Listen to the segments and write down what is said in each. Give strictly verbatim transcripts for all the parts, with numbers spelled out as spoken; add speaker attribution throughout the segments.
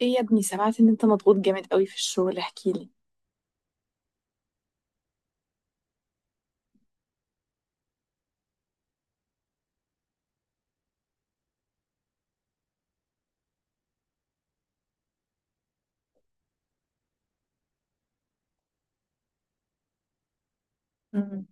Speaker 1: ايه يا ابني، سمعت ان انت مضغوط جامد قوي في الشغل، احكيلي. مم.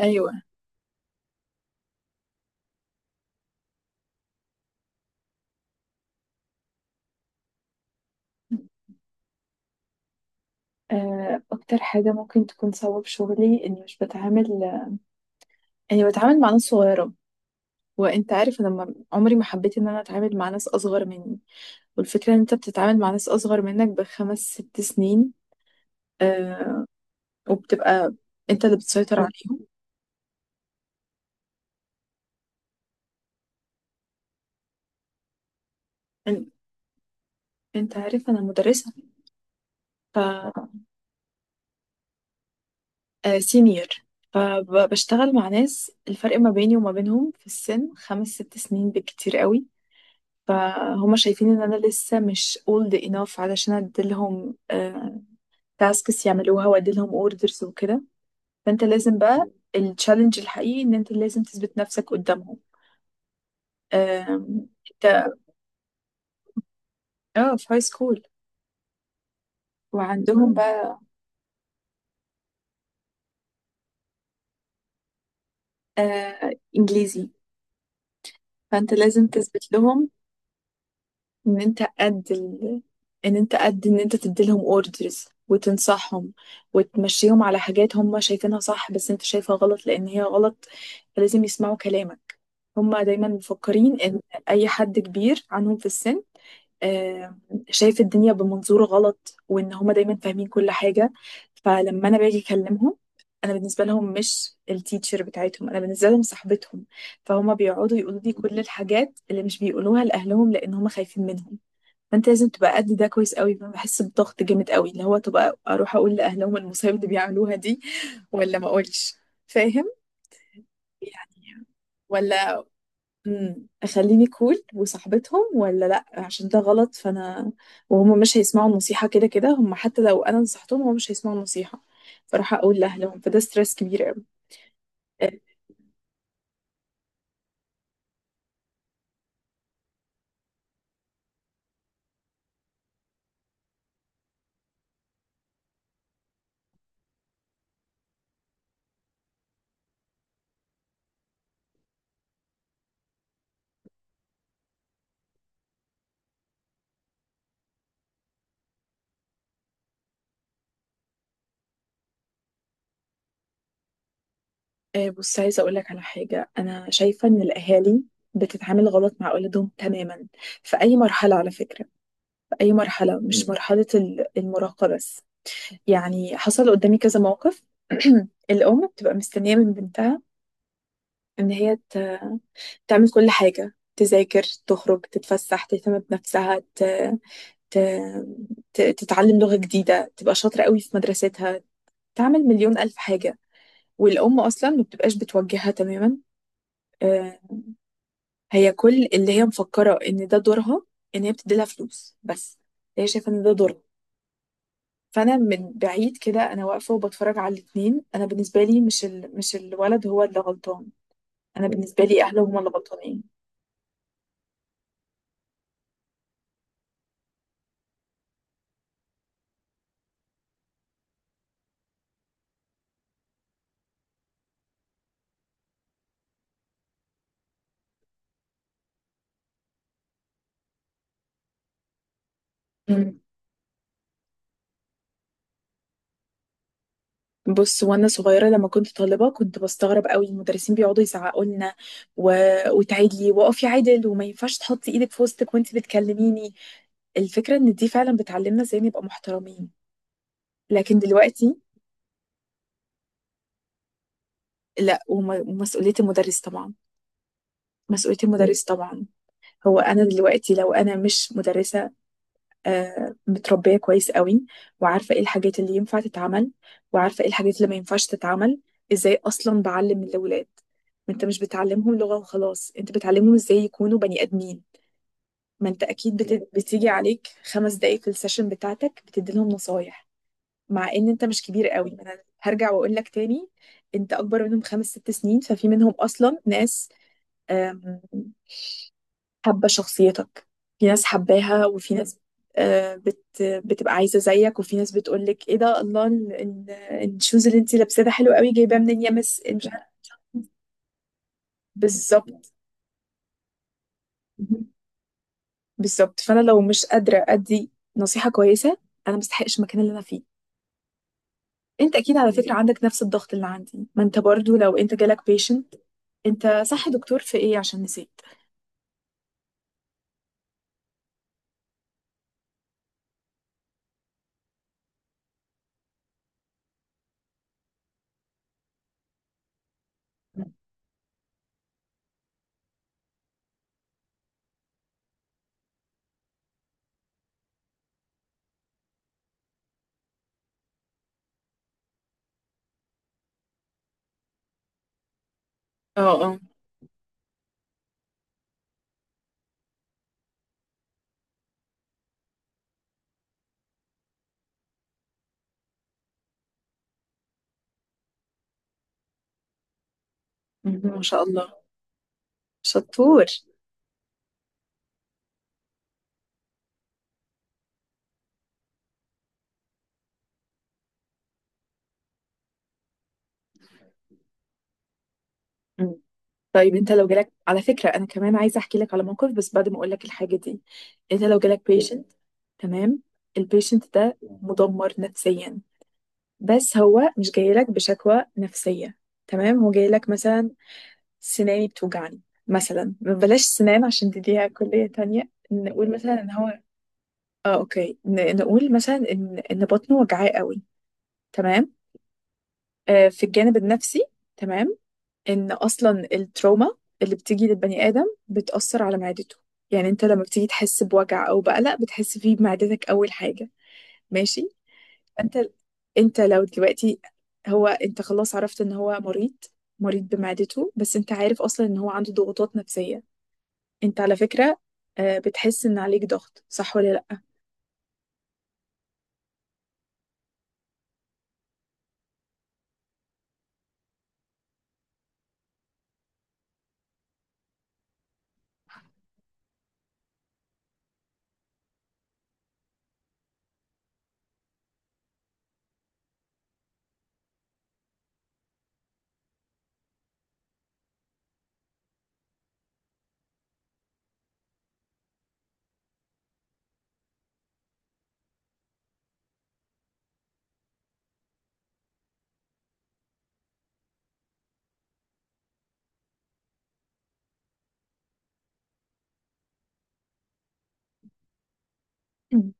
Speaker 1: ايوه. آه، اكتر حاجه ممكن تكون سبب شغلي اني مش بتعامل اني بتعامل مع ناس صغيره. وانت عارف، انا ما- عمري ما حبيت ان انا اتعامل مع ناس اصغر مني. والفكره ان انت بتتعامل مع ناس اصغر منك بخمس ست سنين، آه، وبتبقى انت اللي بتسيطر عليهم. إن- انت عارف انا مدرسه، ف آه، سينيور. فبشتغل مع ناس الفرق ما بيني وما بينهم في السن خمس ست سنين بالكتير قوي. فهم شايفين ان انا لسه مش old enough علشان اديلهم تاسكس يعملوها واديلهم اوردرز وكده. فانت لازم بقى، التشالنج الحقيقي ان انت لازم تثبت نفسك قدامهم. آم، انت... اه، في هاي سكول. وعندهم بقى، آه، انجليزي. فانت لازم تثبت لهم ان انت قد ال... ان انت قد، ان انت تديلهم اوردرز وتنصحهم، وتمشيهم على حاجات هم شايفينها صح بس انت شايفها غلط، لان هي غلط. فلازم يسمعوا كلامك. هم دايما مفكرين ان اي حد كبير عنهم في السن، آه، شايف الدنيا بمنظور غلط، وان هما دايما فاهمين كل حاجة. فلما انا باجي اكلمهم، انا بالنسبة لهم مش التيتشر بتاعتهم، انا بالنسبة لهم صاحبتهم. فهما بيقعدوا يقولوا لي كل الحاجات اللي مش بيقولوها لأهلهم، لأن هما خايفين منهم. فأنت لازم تبقى قد ده كويس قوي. فأنا بحس بضغط جامد قوي، اللي هو تبقى أروح أقول لأهلهم المصايب اللي بيعملوها دي ولا ما أقولش؟ فاهم؟ يعني، ولا مم، أخليني كول وصاحبتهم، ولا لأ عشان ده غلط. فأنا وهم مش هيسمعوا النصيحة كده كده، هم حتى لو أنا نصحتهم هم مش هيسمعوا النصيحة، فراح أقول لأهلهم. فده ستريس كبير قوي. آه، بص، عايزة أقول لك على حاجة. أنا شايفة إن الأهالي بتتعامل غلط مع أولادهم تماما في أي مرحلة، على فكرة. في أي مرحلة، مش مم. مرحلة ال- المراهقة بس. يعني حصل قدامي كذا موقف. الأم بتبقى مستنية من بنتها إن هي ت- تعمل كل حاجة، تذاكر، تخرج، تتفسح، تهتم بنفسها، ت... ت... ت... تتعلم لغة جديدة، تبقى شاطرة قوي في مدرستها، تعمل مليون ألف حاجة. والأم أصلا ما بتبقاش بتوجهها تماما. آه، هي كل اللي هي مفكرة ان ده دورها، ان هي بتديلها فلوس بس. هي شايفة ان ده دورها. فانا من بعيد كده انا واقفة وبتفرج على الاتنين. انا بالنسبة لي، مش ال... مش الولد هو اللي غلطان، انا بالنسبة لي اهله هما اللي غلطانين. مم. بص، وانا صغيره لما كنت طالبه، كنت بستغرب قوي المدرسين بيقعدوا يزعقوا لنا، و... وتعيدي، واقفي عدل، وما ينفعش تحطي ايدك في وسطك وانت بتكلميني. الفكره ان دي فعلا بتعلمنا ازاي نبقى محترمين، لكن دلوقتي. لا، وم... ومسؤوليه المدرس طبعا. مسؤولية المدرس طبعا. هو أنا دلوقتي لو أنا مش مدرسة، آه، متربية كويس قوي، وعارفة إيه الحاجات اللي ينفع تتعمل، وعارفة إيه الحاجات اللي ما ينفعش تتعمل، إزاي أصلا بعلم الأولاد؟ ما أنت مش بتعلمهم لغة وخلاص، أنت بتعلمهم إزاي يكونوا بني آدمين. ما أنت أكيد بت... بتيجي عليك خمس دقايق في السيشن بتاعتك بتدي لهم نصايح، مع إن أنت مش كبير قوي. ما أنا هرجع وأقول لك تاني، أنت أكبر منهم خمس ست سنين. ففي منهم أصلا ناس، آم، حابة شخصيتك. في ناس حباها وفي ناس، آه، بت بتبقى عايزة زيك. وفي ناس بتقولك ايه ده، الله، ال- ال- الشوز اللي انتي لابساه ده حلو قوي، جايباه منين يا مس، مش عارفة. بالظبط، بالظبط. فانا لو مش قادرة ادي نصيحة كويسة، انا مستحقش المكان اللي انا فيه. انت اكيد على فكرة عندك نفس الضغط اللي عندي. ما انت برضو لو انت جالك بيشنت... انت صح دكتور في ايه؟ عشان نسيت. اه، اه. مهم. ما شاء الله، شطور. طيب انت لو جالك على فكرة، انا كمان عايزة احكي لك على موقف، بس بعد ما اقول لك الحاجة دي. انت لو جالك بيشنت، تمام؟ البيشنت ده مدمر نفسيا، بس هو مش جاي لك بشكوى نفسية. تمام، هو جاي لك مثلا سناني بتوجعني. مثلا بلاش سنان عشان دي ليها كلية تانية، نقول مثلا ان هو... اه، اوكي، ن- نقول مثلا ان ان بطنه وجعاه قوي، تمام. آه، في الجانب النفسي، تمام. ان اصلا التروما اللي بتيجي للبني ادم بتاثر على معدته. يعني انت لما بتيجي تحس بوجع او بقلق، بتحس فيه بمعدتك اول حاجه، ماشي؟ انت انت لو دلوقتي، هو انت خلاص عرفت ان هو مريض، مريض بمعدته، بس انت عارف اصلا ان هو عنده ضغوطات نفسيه. انت على فكره، آه، بتحس ان عليك ضغط، صح ولا لا؟ مم.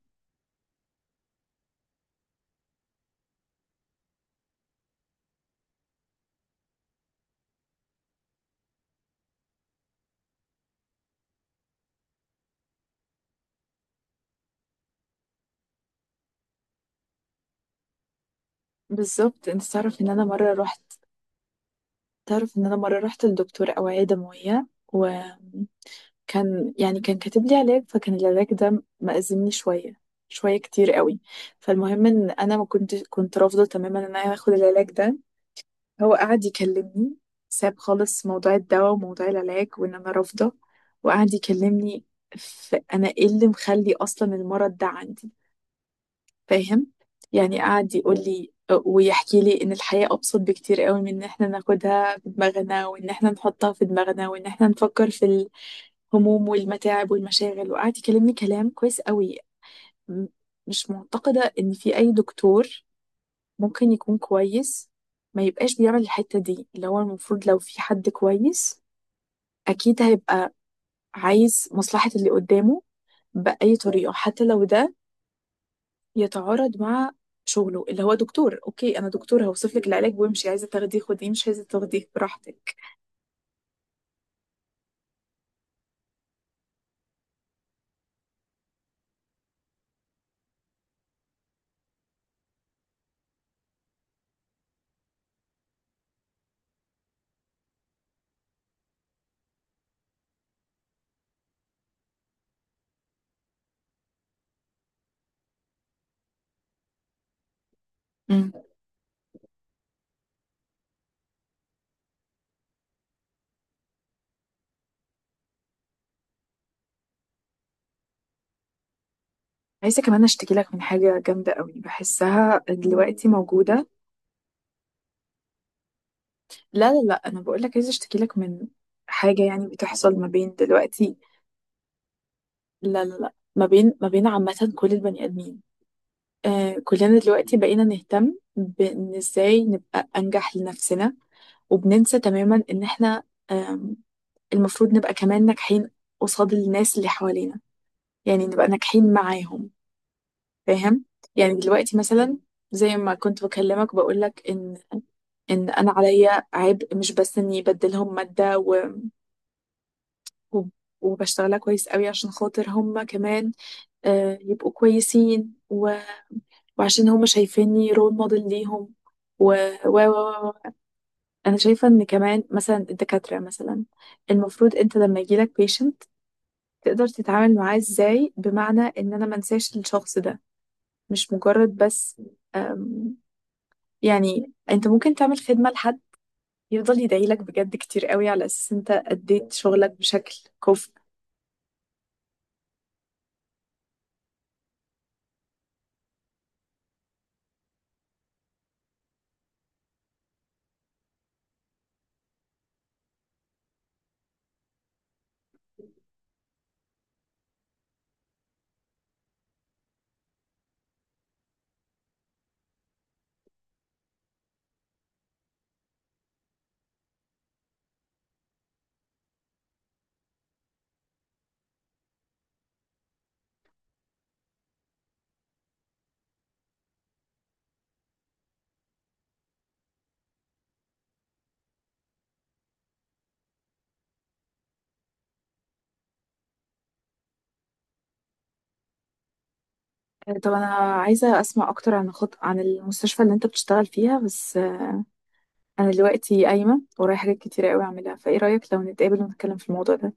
Speaker 1: بالظبط. انت تعرف ان انا مره رحت، تعرف ان انا مره رحت لدكتور اوعيه دمويه، و كان يعني كان كاتب لي علاج، فكان العلاج ده مأزمني شوية، شوية كتير قوي. فالمهم ان انا ما كنت كنت رافضة تماما ان انا اخد العلاج ده. هو قعد يكلمني، ساب خالص موضوع الدواء وموضوع العلاج وان انا رافضة، وقعد يكلمني في انا ايه اللي مخلي اصلا المرض ده عندي. فاهم؟ يعني قعد يقول لي ويحكي لي ان الحياة ابسط بكتير قوي من ان احنا ناخدها في دماغنا، وان احنا نحطها في دماغنا، وان احنا نفكر في ال... هموم والمتاعب والمشاغل. وقعد يكلمني كلام كويس قوي. م- مش معتقدة ان في اي دكتور ممكن يكون كويس ما يبقاش بيعمل الحتة دي، اللي هو المفروض لو في حد كويس اكيد هيبقى عايز مصلحة اللي قدامه بأي طريقة، حتى لو ده يتعارض مع شغله اللي هو دكتور. اوكي انا دكتور هوصف لك العلاج وامشي، عايزة تاخديه خديه، مش عايزة تاخديه براحتك. مم. عايزة كمان اشتكي لك من حاجة جامدة قوي بحسها دلوقتي موجودة. لا لا لا، انا بقول لك عايزه اشتكي لك من حاجه يعني بتحصل ما بين دلوقتي. لا لا لا، ما بين ما بين عامه كل البني ادمين. آه، كلنا دلوقتي بقينا نهتم بان ازاي نبقى انجح لنفسنا، وبننسى تماما ان احنا، آم، المفروض نبقى كمان ناجحين قصاد الناس اللي حوالينا. يعني نبقى ناجحين معاهم، فاهم؟ يعني دلوقتي مثلا زي ما كنت بكلمك، بقول لك ان ان انا عليا عبء مش بس اني بدلهم ماده، وب- وبشتغلها كويس قوي عشان خاطر هما كمان، آه، يبقوا كويسين، و- وعشان هما شايفيني رول موديل ليهم. و و و و- انا شايفه ان كمان مثلا الدكاتره مثلا، المفروض انت لما يجيلك بيشنت تقدر تتعامل معاه ازاي، بمعنى ان انا منساش الشخص ده، مش مجرد بس. آم، يعني انت ممكن تعمل خدمه لحد يفضل يدعيلك بجد كتير قوي، على اساس انت اديت شغلك بشكل كفء. طب انا عايزه اسمع اكتر عن خط... عن المستشفى اللي انت بتشتغل فيها، بس آه، انا دلوقتي قايمه ورايا حاجات كتيره قوي اعملها. فايه رايك لو نتقابل ونتكلم في الموضوع ده؟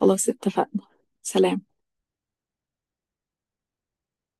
Speaker 1: خلاص، اتفقنا. سلام.